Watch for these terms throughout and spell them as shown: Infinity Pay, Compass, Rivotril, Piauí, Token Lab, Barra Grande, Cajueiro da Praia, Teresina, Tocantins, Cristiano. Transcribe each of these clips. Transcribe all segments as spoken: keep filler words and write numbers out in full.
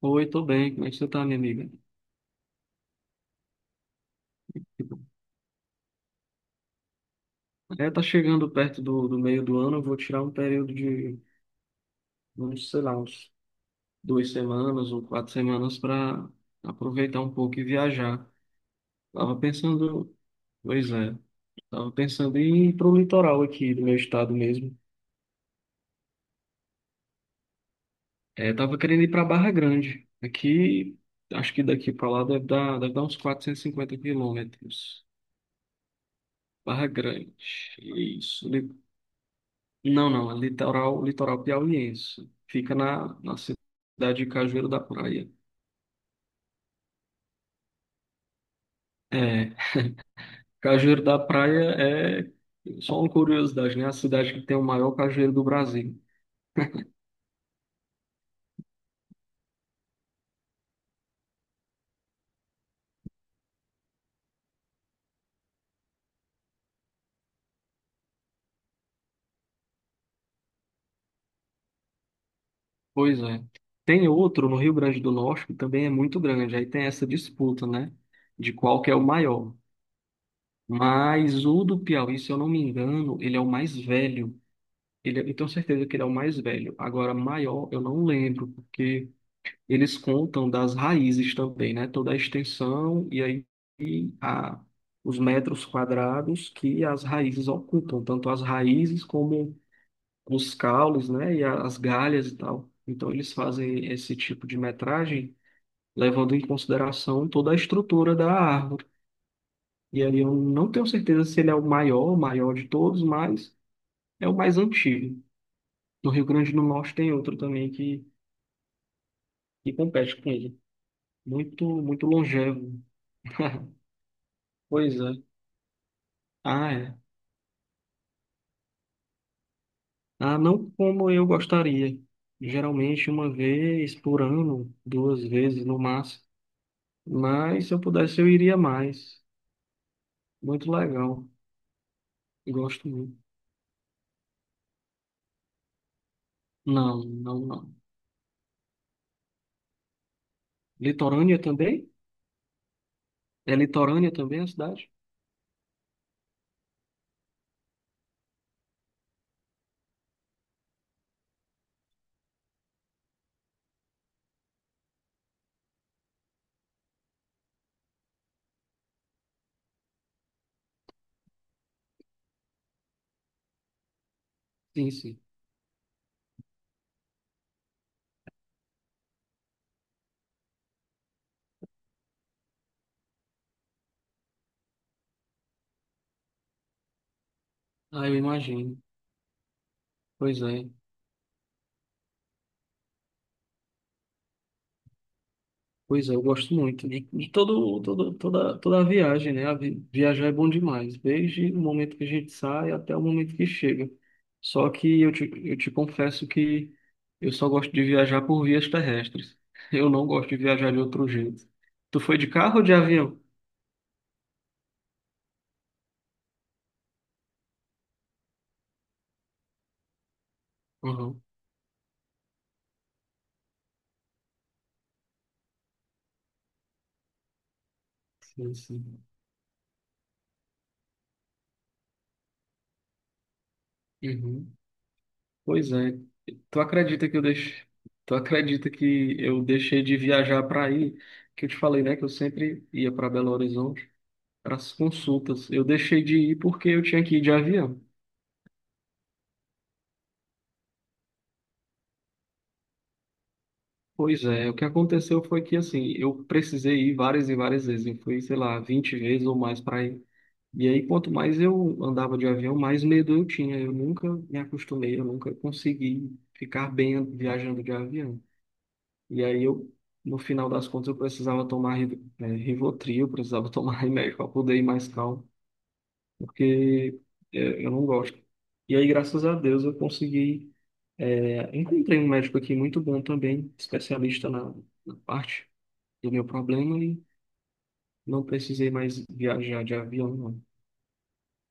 Oi, tô bem. Como é que você tá, minha amiga? Tipo, é, tá chegando perto do, do meio do ano. Eu vou tirar um período de, vamos, sei lá, uns duas semanas ou quatro semanas para aproveitar um pouco e viajar. Tava pensando, pois é, tava pensando em ir pro litoral aqui do meu estado mesmo. É, tava querendo ir para Barra Grande. Aqui, acho que daqui para lá deve dar, deve dar uns 450 quilômetros. Barra Grande, isso. Não, não, é litoral, litoral piauiense. Fica na, na cidade de Cajueiro da Praia. É, Cajueiro da Praia é só uma curiosidade, né? A cidade que tem o maior cajueiro do Brasil. Pois é. Tem outro no Rio Grande do Norte que também é muito grande. Aí tem essa disputa, né? De qual que é o maior. Mas o do Piauí, se eu não me engano, ele é o mais velho. Ele, é- eu tenho certeza que ele é o mais velho. Agora, maior, eu não lembro, porque eles contam das raízes também, né? Toda a extensão e aí e a, os metros quadrados que as raízes ocupam, tanto as raízes como os caules, né? E a- as galhas e tal. Então eles fazem esse tipo de metragem levando em consideração toda a estrutura da árvore. E aí eu não tenho certeza se ele é o maior, o maior de todos, mas é o mais antigo. No Rio Grande do Norte tem outro também que, que compete com ele. Muito, muito longevo. Pois é. Ah, é. Ah, não como eu gostaria. Geralmente uma vez por ano, duas vezes no máximo. Mas se eu pudesse, eu iria mais. Muito legal. Gosto muito. Não, não, não. Litorânea também? É litorânea também a cidade? Sim, sim. Ah, eu imagino. Pois é. Pois é, eu gosto muito. E, e todo, todo, toda, toda a viagem, né? A vi- viajar é bom demais, desde o momento que a gente sai até o momento que chega. Só que eu te, eu te confesso que eu só gosto de viajar por vias terrestres. Eu não gosto de viajar de outro jeito. Tu foi de carro ou de avião? Uhum. Sim, sim. Uhum. Pois é. Tu acredita que eu deixei, tu acredita que eu deixei de viajar para aí? Que eu te falei, né? Que eu sempre ia para Belo Horizonte. Para as consultas. Eu deixei de ir porque eu tinha que ir de avião. Pois é, o que aconteceu foi que assim, eu precisei ir várias e várias vezes. Eu fui, sei lá, vinte vezes ou mais para ir. E aí, quanto mais eu andava de avião, mais medo eu tinha. Eu nunca me acostumei, eu nunca consegui ficar bem viajando de avião. E aí eu, no final das contas, eu precisava tomar Riv- eh, Rivotril, eu precisava tomar remédio para poder ir mais calmo, porque eh, eu não gosto. E aí, graças a Deus, eu consegui. É, encontrei um médico aqui muito bom também, especialista na, na parte do meu problema e não precisei mais viajar de avião, não.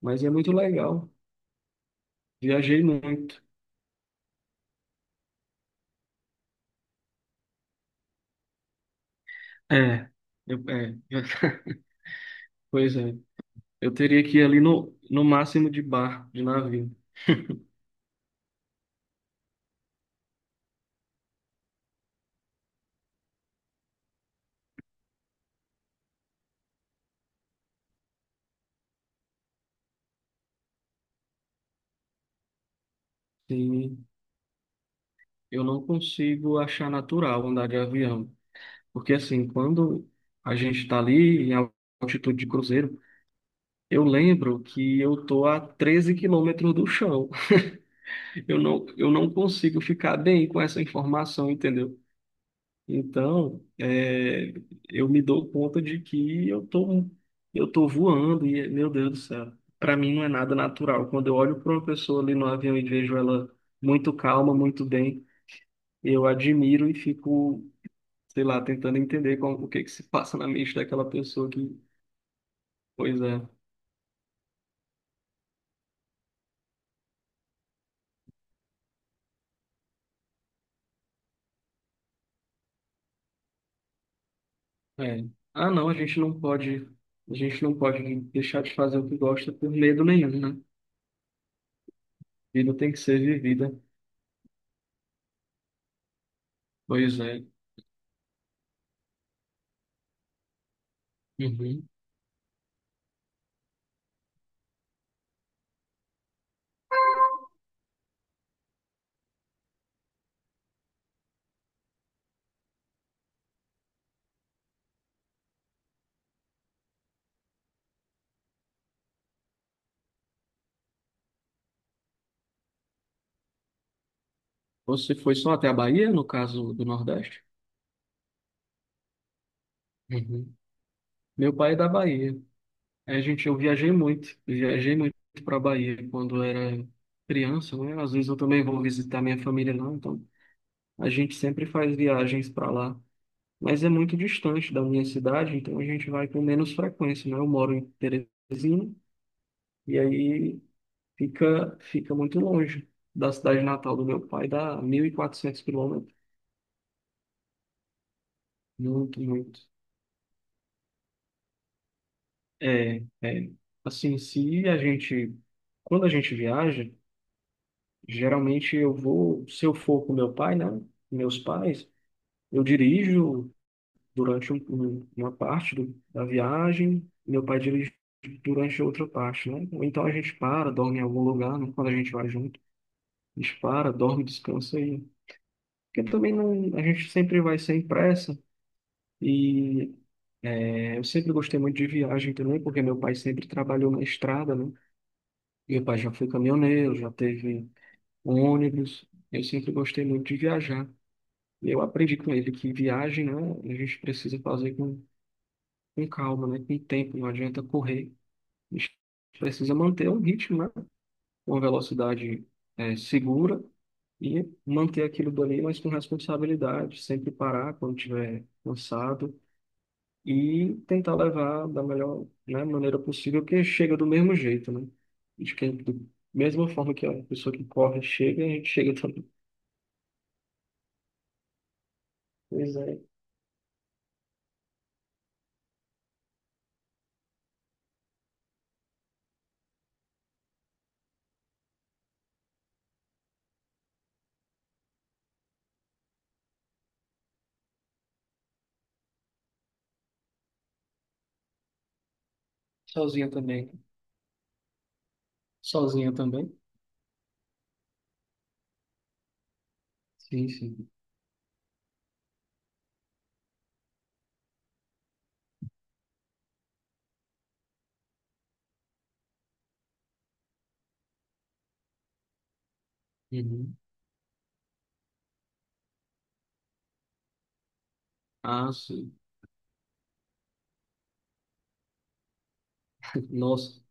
Mas é muito legal. Viajei muito. É, eu, é, pois é. Eu teria que ir ali no, no máximo de barco, de navio. Sim, eu não consigo achar natural andar de avião. Porque assim, quando a gente está ali em altitude de cruzeiro, eu lembro que eu tô a treze quilômetros do chão. Eu não, eu não consigo ficar bem com essa informação, entendeu? Então, é, eu me dou conta de que eu tô, eu tô, voando e, meu Deus do céu, para mim não é nada natural. Quando eu olho para uma pessoa ali no avião e vejo ela muito calma, muito bem, eu admiro e fico, sei lá, tentando entender como, o que que se passa na mente daquela pessoa que, pois é, é. Ah, não, a gente não pode, a gente não pode deixar de fazer o que gosta por medo nenhum, né? Vida tem que ser vivida. Pois é. Uhum. Você foi só até a Bahia, no caso do Nordeste? Uhum. Meu pai é da Bahia. A gente, eu viajei muito. Eu Viajei muito para Bahia quando era criança, né? Às vezes eu também vou visitar minha família lá, então a gente sempre faz viagens para lá. Mas é muito distante da minha cidade, então a gente vai com menos frequência, né? Eu moro em Teresina e aí fica, fica muito longe da cidade natal do meu pai, dá mil e quatrocentos quilômetros. Muito, muito. É, é, assim, se a gente, quando a gente viaja, geralmente eu vou, se eu for com meu pai, né, meus pais, eu dirijo durante um- um- uma parte do- da viagem, meu pai dirige durante outra parte, né? Ou então a gente para, dorme em algum lugar, né? Quando a gente vai junto, a gente para, dorme, descansa aí. Porque também não, a gente sempre vai sem pressa e é, eu sempre gostei muito de viagem também, porque meu pai sempre trabalhou na estrada, né? Meu pai já foi caminhoneiro, já teve um ônibus. Eu sempre gostei muito de viajar. E eu aprendi com ele que viagem, né, a gente precisa fazer com, com calma, né, com tempo, não adianta correr. A gente precisa manter um ritmo, né, uma velocidade eh, segura e manter aquilo dali, mas com responsabilidade. Sempre parar quando estiver cansado e tentar levar da melhor, né, maneira possível, porque chega do mesmo jeito, né? De que, da mesma forma que a pessoa que corre chega, a gente chega também. Pois é. Sozinha também. Sozinha também? Sim, sim. Uhum. Ah, sim. Nossa,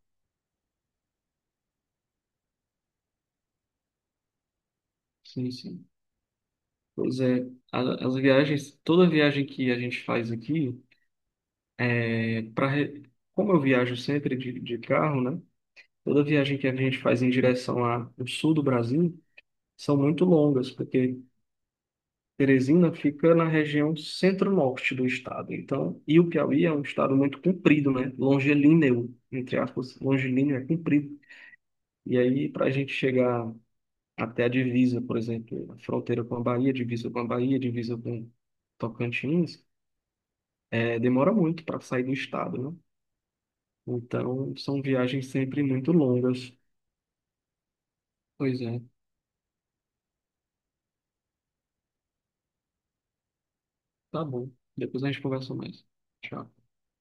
sim, sim. Pois é, a- as viagens, toda viagem que a gente faz aqui, é, pra, re- como eu viajo sempre de, de carro, né? Toda viagem que a gente faz em direção a- ao sul do Brasil são muito longas, porque Teresina fica na região centro-norte do estado. Então, e o Piauí é um estado muito comprido, né? Longilíneo, entre aspas, longilíneo é comprido. E aí, para a gente chegar até a divisa, por exemplo, a fronteira com a Bahia, divisa com a Bahia, divisa com Tocantins, é, demora muito para sair do estado, né? Então, são viagens sempre muito longas. Pois é, tá bom. Depois a gente conversa mais. Tchau.